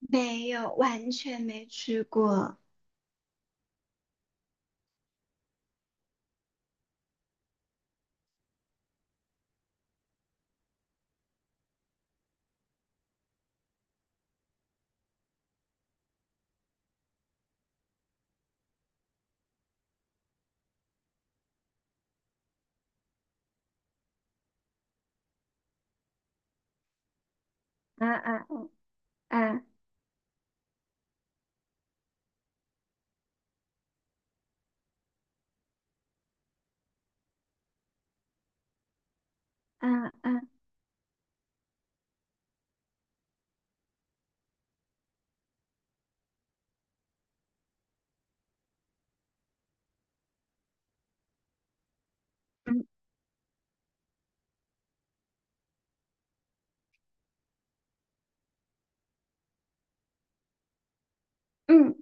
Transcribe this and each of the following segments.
没有，完全没去过。啊啊啊啊啊啊嗯嗯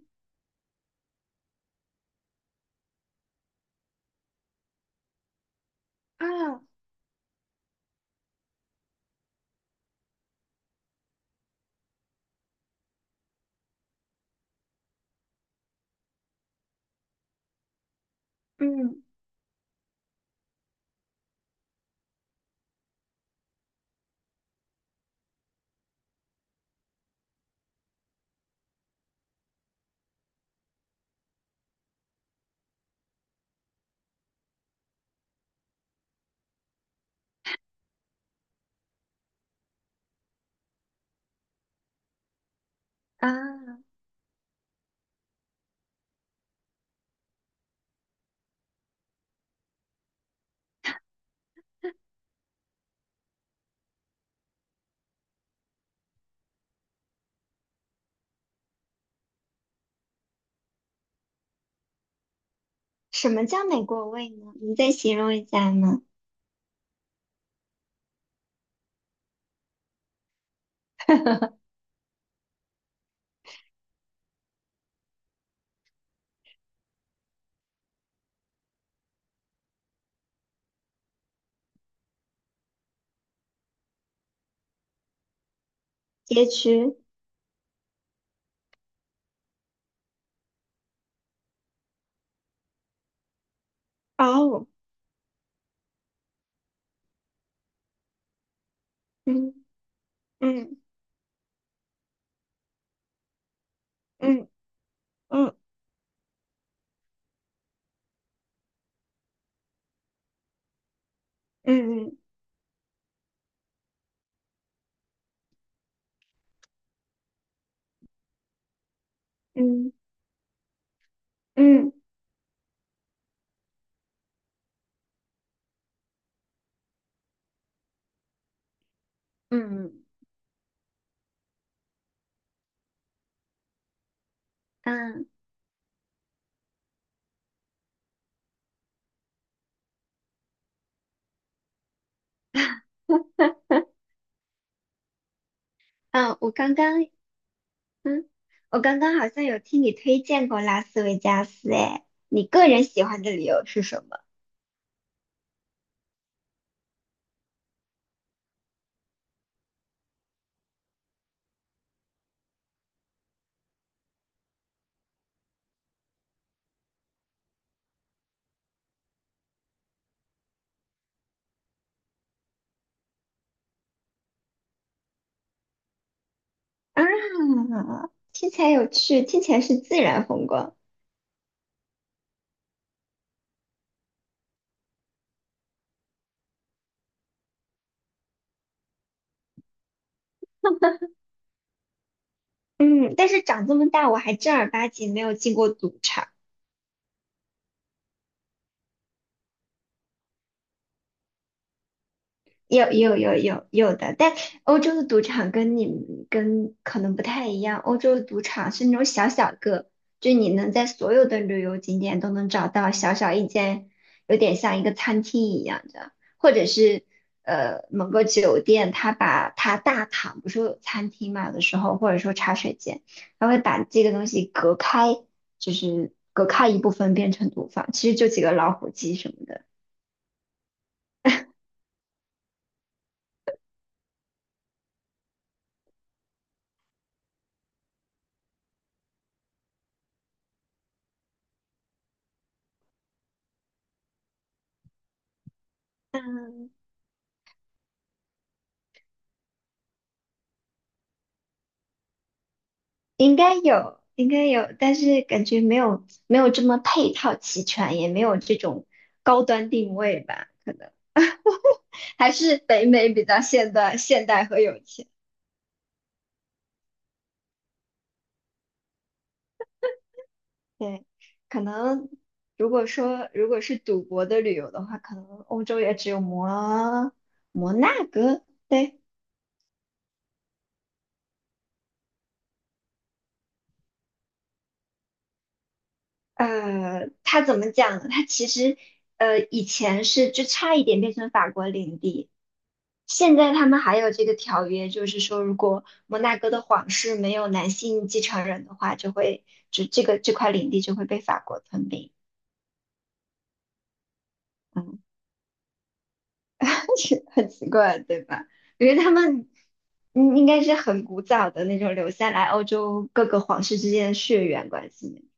啊嗯啊！什么叫美国味呢？你再形容一下呢？街区。哦，嗯嗯嗯嗯嗯嗯嗯嗯嗯嗯。 嗯，嗯，我刚刚好像有听你推荐过拉斯维加斯，哎，你个人喜欢的理由是什么？啊，听起来有趣，听起来是自然风光。嗯，但是长这么大，我还正儿八经没有进过赌场。有的，但欧洲的赌场跟你们跟可能不太一样。欧洲的赌场是那种小小个，就你能在所有的旅游景点都能找到小小一间，有点像一个餐厅一样的，或者是某个酒店，他把他大堂不是有餐厅嘛，有的时候或者说茶水间，他会把这个东西隔开，就是隔开一部分变成赌坊，其实就几个老虎机什么的。应该有，应该有，但是感觉没有这么配套齐全，也没有这种高端定位吧，可能还是北美比较现代和有钱。对，可能如果是赌博的旅游的话，可能欧洲也只有摩纳哥。对，它怎么讲呢？它其实以前是就差一点变成法国领地，现在他们还有这个条约，就是说，如果摩纳哥的皇室没有男性继承人的话，就会就这块领地就会被法国吞并。嗯，很奇怪，对吧？因为他们应该是很古早的那种留下来欧洲各个皇室之间的血缘关系。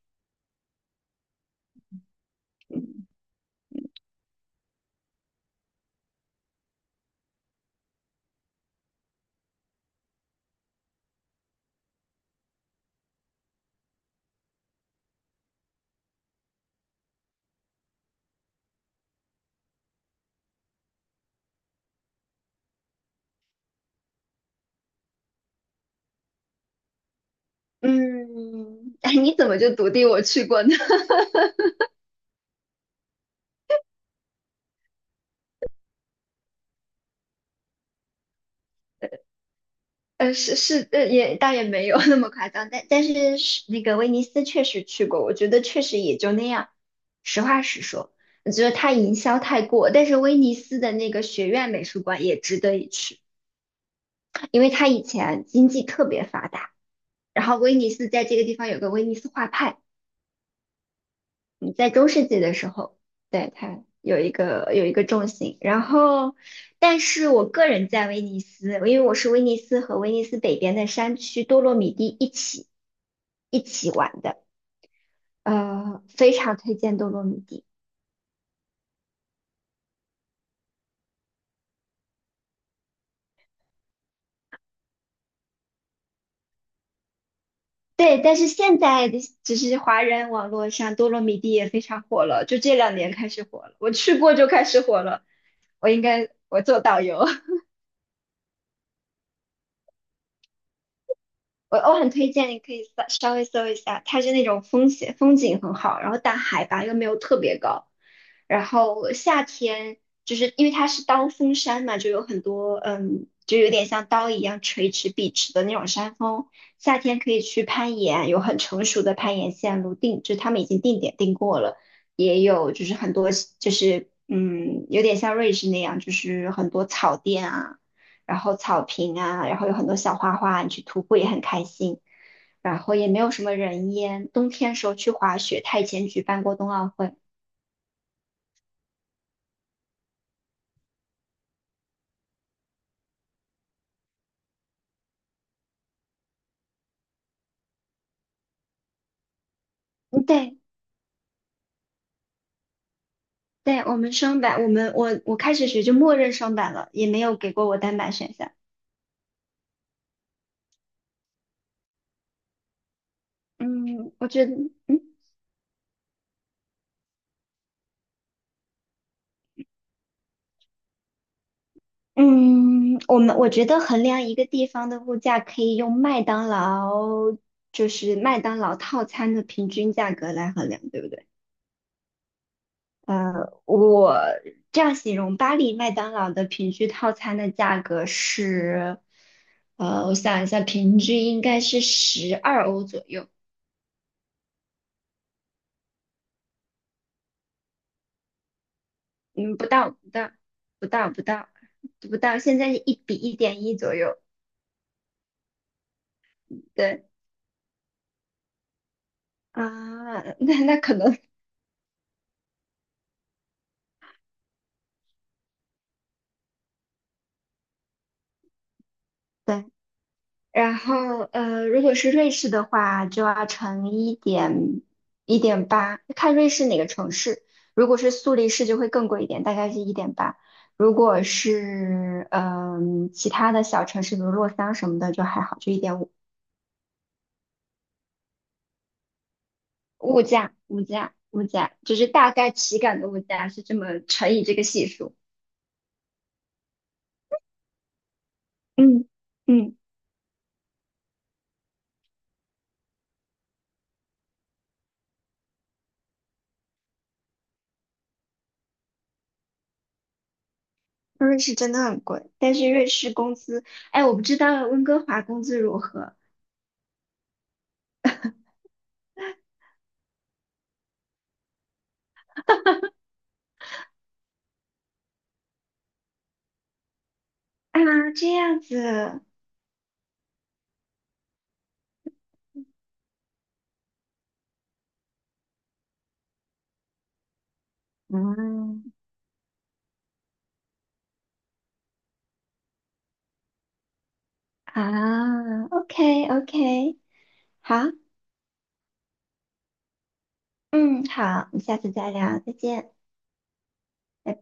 嗯，哎，你怎么就笃定我去过呢？是是，也倒也没有那么夸张，但是那个威尼斯确实去过，我觉得确实也就那样。实话实说，我觉得它营销太过，但是威尼斯的那个学院美术馆也值得一去，因为它以前经济特别发达，然后威尼斯在这个地方有个威尼斯画派，嗯，在中世纪的时候，对，它有一个重心。然后，但是我个人在威尼斯，因为我是威尼斯和威尼斯北边的山区多洛米蒂一起玩的，非常推荐多洛米蒂。对，但是现在的只是华人网络上多洛米蒂也非常火了，就这两年开始火了。我去过就开始火了，我应该我做导游。我很推荐你可以稍微搜一下，它是那种风景很好，然后但海拔又没有特别高，然后夏天就是因为它是刀锋山嘛，就有很多就有点像刀一样垂直笔直的那种山峰，夏天可以去攀岩，有很成熟的攀岩线路定，就是他们已经定点定过了，也有就是很多就是有点像瑞士那样，就是很多草甸啊。然后草坪啊，然后有很多小花花，你去徒步也很开心。然后也没有什么人烟，冬天时候去滑雪，他以前举办过冬奥会。嗯对对，我们双板，我们我我开始学就默认双板了，也没有给过我单板选项。嗯，我觉得，嗯嗯，我觉得衡量一个地方的物价，可以用麦当劳就是麦当劳套餐的平均价格来衡量，对不对？我这样形容巴黎麦当劳的平均套餐的价格是，我想一下，平均应该是12欧左右，嗯，不到，不到，不到，不到，不到，现在是1:1.1左右，对，啊，那可能。对。然后如果是瑞士的话，就要乘一点一点八，看瑞士哪个城市。如果是苏黎世就会更贵一点，大概是一点八。如果是其他的小城市，比如洛桑什么的，就还好，就1.5。物价，物价，物价，就是大概体感的物价是这么乘以这个系数。嗯嗯，瑞士真的很贵，但是瑞士工资，哎，我不知道温哥华工资如何啊？这样子。嗯啊，OK OK，好，嗯，好，我们下次再聊，再见。拜拜。